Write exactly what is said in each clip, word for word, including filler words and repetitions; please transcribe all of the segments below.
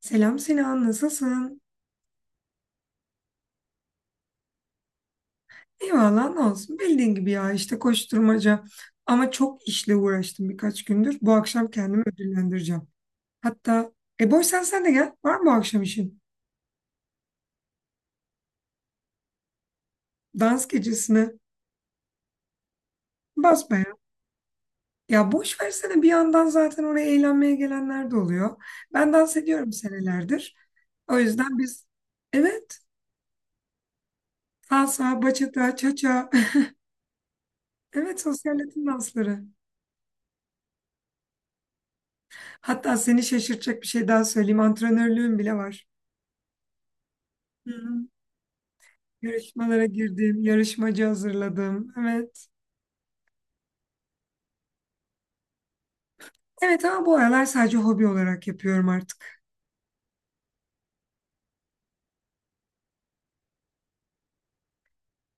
Selam Sinan, nasılsın? Eyvallah, ne olsun. Bildiğin gibi ya işte koşturmaca. Ama çok işle uğraştım birkaç gündür. Bu akşam kendimi ödüllendireceğim. Hatta, e boş sen sen de gel. Var mı bu akşam işin? Dans gecesine basma ya. Ya boş versene bir yandan zaten oraya eğlenmeye gelenler de oluyor. Ben dans ediyorum senelerdir. O yüzden biz, evet, salsa, bachata, cha-cha. Evet, sosyal Latin dansları. Hatta seni şaşırtacak bir şey daha söyleyeyim. Antrenörlüğüm bile var. Hı. Hı. Yarışmalara girdim, yarışmacı hazırladım. Evet. Evet ama bu aralar sadece hobi olarak yapıyorum artık.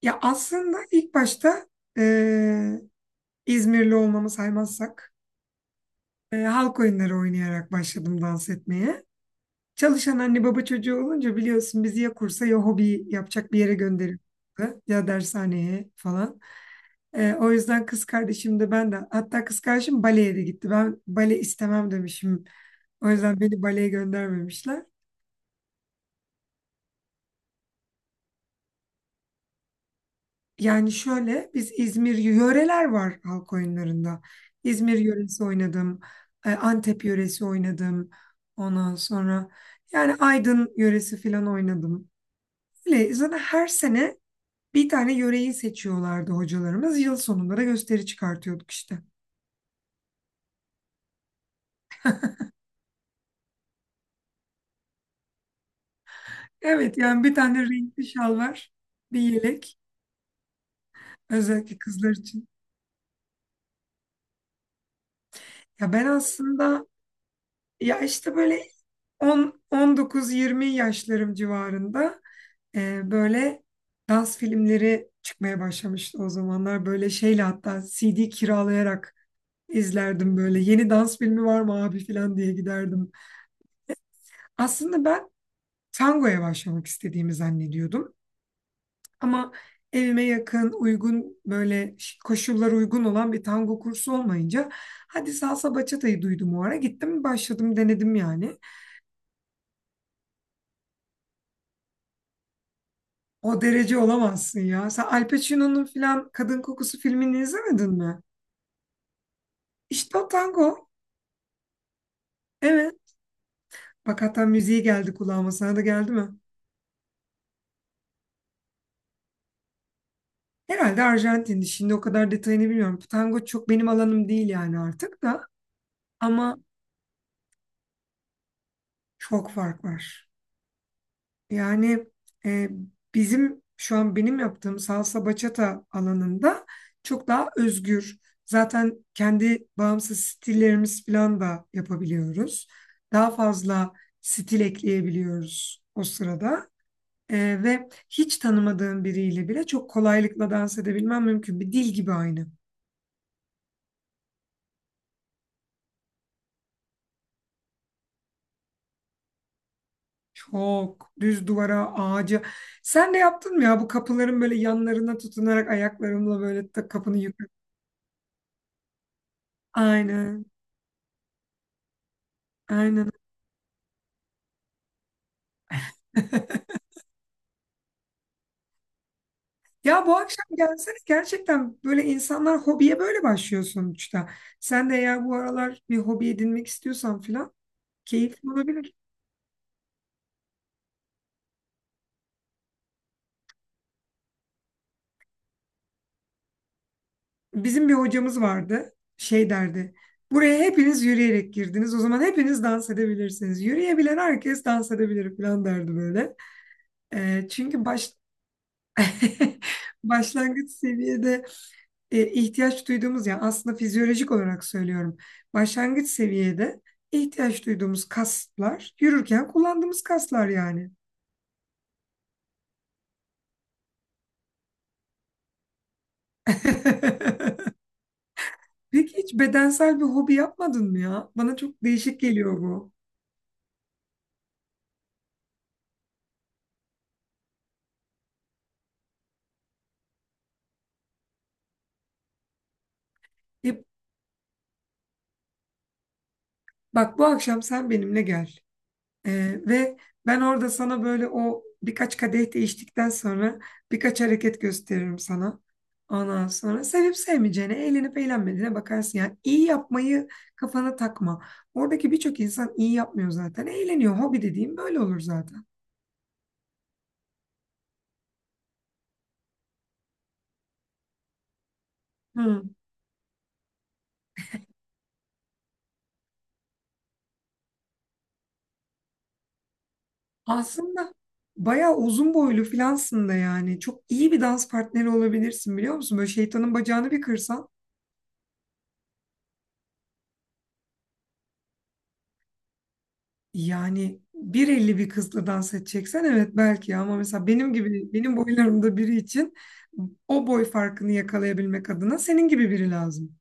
Ya aslında ilk başta eee, İzmirli olmamı saymazsak eee, halk oyunları oynayarak başladım dans etmeye. Çalışan anne baba çocuğu olunca biliyorsun bizi ya kursa ya hobi yapacak bir yere gönderiyordu ya dershaneye falan. Eee, o yüzden kız kardeşim de ben de hatta kız kardeşim baleye de gitti. Ben bale istemem demişim. O yüzden beni baleye göndermemişler. Yani şöyle biz İzmir yöreler var halk oyunlarında. İzmir yöresi oynadım. e, Antep yöresi oynadım. Ondan sonra yani Aydın yöresi falan oynadım. Öyle zaten her sene bir tane yöreyi seçiyorlardı hocalarımız. Yıl sonunda da gösteri çıkartıyorduk işte. Evet yani bir tane renkli şal var. Bir yelek özellikle kızlar için. Ya ben aslında ya işte böyle on on dokuz yirmi yaşlarım civarında e, böyle dans filmleri çıkmaya başlamıştı o zamanlar. Böyle şeyle hatta C D kiralayarak izlerdim böyle. Yeni dans filmi var mı abi falan diye giderdim. Aslında ben tangoya başlamak istediğimi zannediyordum. Ama evime yakın, uygun böyle koşullar uygun olan bir tango kursu olmayınca hadi salsa bachata'yı duydum o ara gittim başladım denedim yani. O derece olamazsın ya. Sen Al Pacino'nun filan Kadın Kokusu filmini izlemedin mi? İşte o tango. Evet. Bak hatta müziği geldi kulağıma. Sana da geldi mi? Herhalde Arjantin'di. Şimdi o kadar detayını bilmiyorum. Tango çok benim alanım değil yani artık da. Ama çok fark var. Yani e, bizim şu an benim yaptığım salsa bachata alanında çok daha özgür. Zaten kendi bağımsız stillerimiz falan da yapabiliyoruz. Daha fazla stil ekleyebiliyoruz o sırada. E, ve hiç tanımadığım biriyle bile çok kolaylıkla dans edebilmem mümkün. Bir dil gibi aynı. Çok düz duvara, ağaca. Sen de yaptın mı ya bu kapıların böyle yanlarına tutunarak ayaklarımla böyle de kapını yük. Aynen. Aynen. Ya bu akşam gelsene gerçekten böyle insanlar hobiye böyle başlıyor sonuçta. Sen de eğer bu aralar bir hobi edinmek istiyorsan filan keyifli olabilir. Bizim bir hocamız vardı şey derdi. Buraya hepiniz yürüyerek girdiniz o zaman hepiniz dans edebilirsiniz. Yürüyebilen herkes dans edebilir filan derdi böyle. Ee, çünkü baş... başlangıç seviyede e, ihtiyaç duyduğumuz yani aslında fizyolojik olarak söylüyorum. Başlangıç seviyede ihtiyaç duyduğumuz kaslar yürürken kullandığımız kaslar yani. Peki hiç bedensel bir hobi yapmadın mı ya? Bana çok değişik geliyor bu. E, bak bu akşam sen benimle gel. Ee, ve ben orada sana böyle o birkaç kadeh değiştikten sonra birkaç hareket gösteririm sana. Ondan sonra sevip sevmeyeceğine, eğlenip eğlenmediğine bakarsın. Yani iyi yapmayı kafana takma. Oradaki birçok insan iyi yapmıyor zaten. Eğleniyor. Hobi dediğim böyle olur zaten. Hı. Aslında bayağı uzun boylu filansın da yani. Çok iyi bir dans partneri olabilirsin biliyor musun? Böyle şeytanın bacağını bir kırsan. Yani bir elli bir kızla dans edeceksen evet belki ama mesela benim gibi benim boylarımda biri için o boy farkını yakalayabilmek adına senin gibi biri lazım.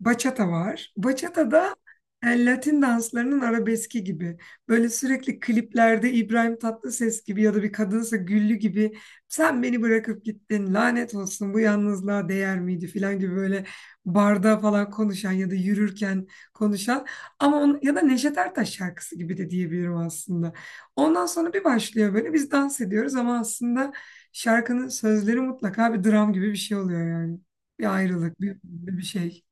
Bachata var. Bachata da e, Latin danslarının arabeski gibi. Böyle sürekli kliplerde İbrahim Tatlıses gibi ya da bir kadınsa Güllü gibi sen beni bırakıp gittin lanet olsun bu yalnızlığa değer miydi falan gibi böyle barda falan konuşan ya da yürürken konuşan ama on, ya da Neşet Ertaş şarkısı gibi de diyebilirim aslında. Ondan sonra bir başlıyor böyle biz dans ediyoruz ama aslında şarkının sözleri mutlaka bir dram gibi bir şey oluyor yani. Bir ayrılık, bir, bir şey.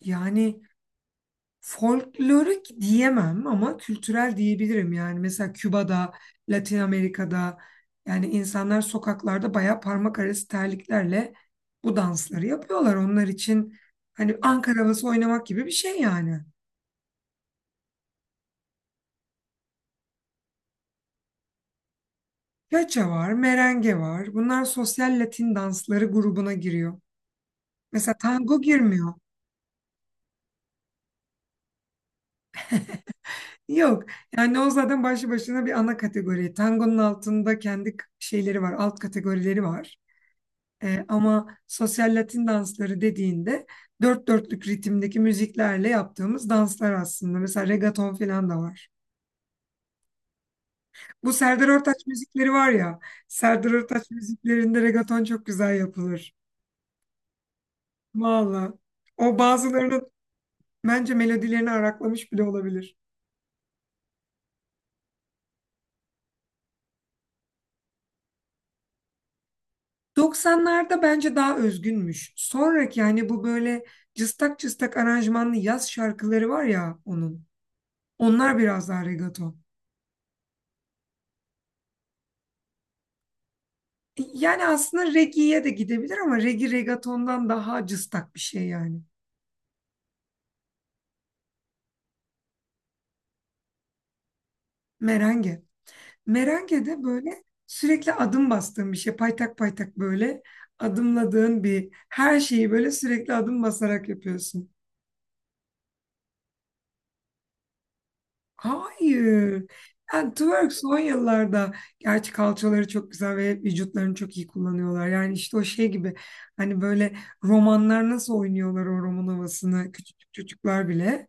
Yani folklorik diyemem ama kültürel diyebilirim. Yani mesela Küba'da, Latin Amerika'da yani insanlar sokaklarda bayağı parmak arası terliklerle bu dansları yapıyorlar. Onlar için hani Ankara havası oynamak gibi bir şey yani. Yaça var, merenge var. Bunlar sosyal Latin dansları grubuna giriyor. Mesela tango girmiyor. Yok. Yani o zaten başlı başına bir ana kategori. Tangonun altında kendi k- şeyleri var, alt kategorileri var. E, ama sosyal Latin dansları dediğinde dört dörtlük ritimdeki müziklerle yaptığımız danslar aslında. Mesela reggaeton falan da var. Bu Serdar Ortaç müzikleri var ya. Serdar Ortaç müziklerinde reggaeton çok güzel yapılır. Valla. O bazılarının bence melodilerini araklamış bile olabilir. doksanlarda bence daha özgünmüş. Sonraki yani bu böyle cıstak cıstak aranjmanlı yaz şarkıları var ya onun. Onlar biraz daha reggaeton. Yani aslında reggae'ye de gidebilir ama reggae reggaetondan daha cıstak bir şey yani. Merenge. Merenge de böyle sürekli adım bastığın bir şey. Paytak paytak böyle adımladığın bir her şeyi böyle sürekli adım basarak yapıyorsun. Hayır. Yani twerk son yıllarda gerçi kalçaları çok güzel ve vücutlarını çok iyi kullanıyorlar. Yani işte o şey gibi hani böyle romanlar nasıl oynuyorlar o roman havasını küçük çocuklar bile.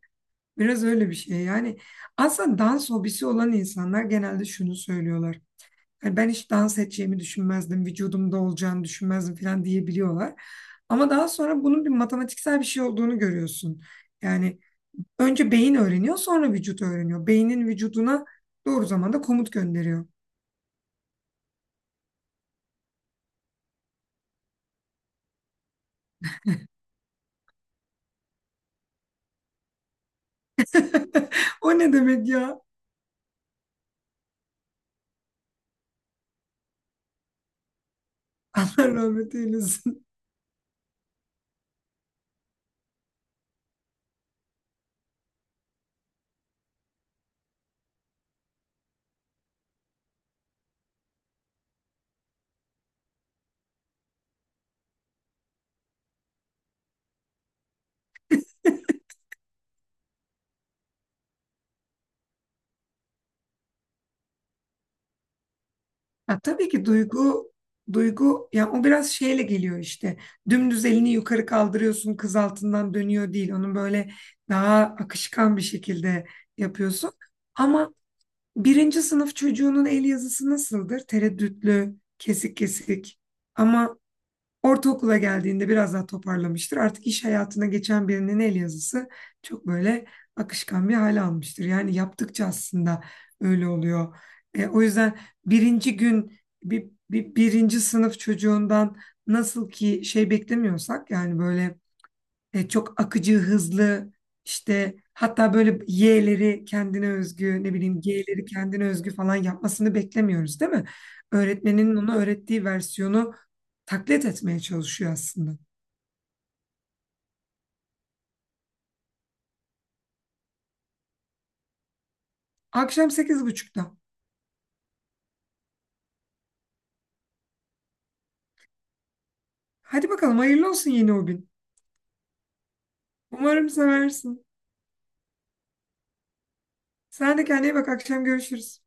Biraz öyle bir şey. Yani aslında dans hobisi olan insanlar genelde şunu söylüyorlar. Yani ben hiç dans edeceğimi düşünmezdim, vücudumda olacağını düşünmezdim falan diyebiliyorlar. Ama daha sonra bunun bir matematiksel bir şey olduğunu görüyorsun. Yani önce beyin öğreniyor, sonra vücut öğreniyor. Beynin vücuduna doğru zamanda komut gönderiyor. O ne demek ya? Allah rahmet eylesin. Ya tabii ki duygu duygu ya o biraz şeyle geliyor işte. Dümdüz elini yukarı kaldırıyorsun, kız altından dönüyor değil. Onu böyle daha akışkan bir şekilde yapıyorsun. Ama birinci sınıf çocuğunun el yazısı nasıldır? Tereddütlü, kesik kesik. Ama ortaokula geldiğinde biraz daha toparlamıştır. Artık iş hayatına geçen birinin el yazısı çok böyle akışkan bir hale almıştır. Yani yaptıkça aslında öyle oluyor. E, o yüzden birinci gün bir, bir- birinci sınıf çocuğundan nasıl ki şey beklemiyorsak yani böyle e, çok akıcı, hızlı işte hatta böyle Y'leri kendine özgü ne bileyim G'leri kendine özgü falan yapmasını beklemiyoruz değil mi? Öğretmenin ona öğrettiği versiyonu taklit etmeye çalışıyor aslında. Akşam sekiz buçukta. Hadi bakalım hayırlı olsun yeni o gün. Umarım seversin. Sen de kendine iyi bak akşam görüşürüz.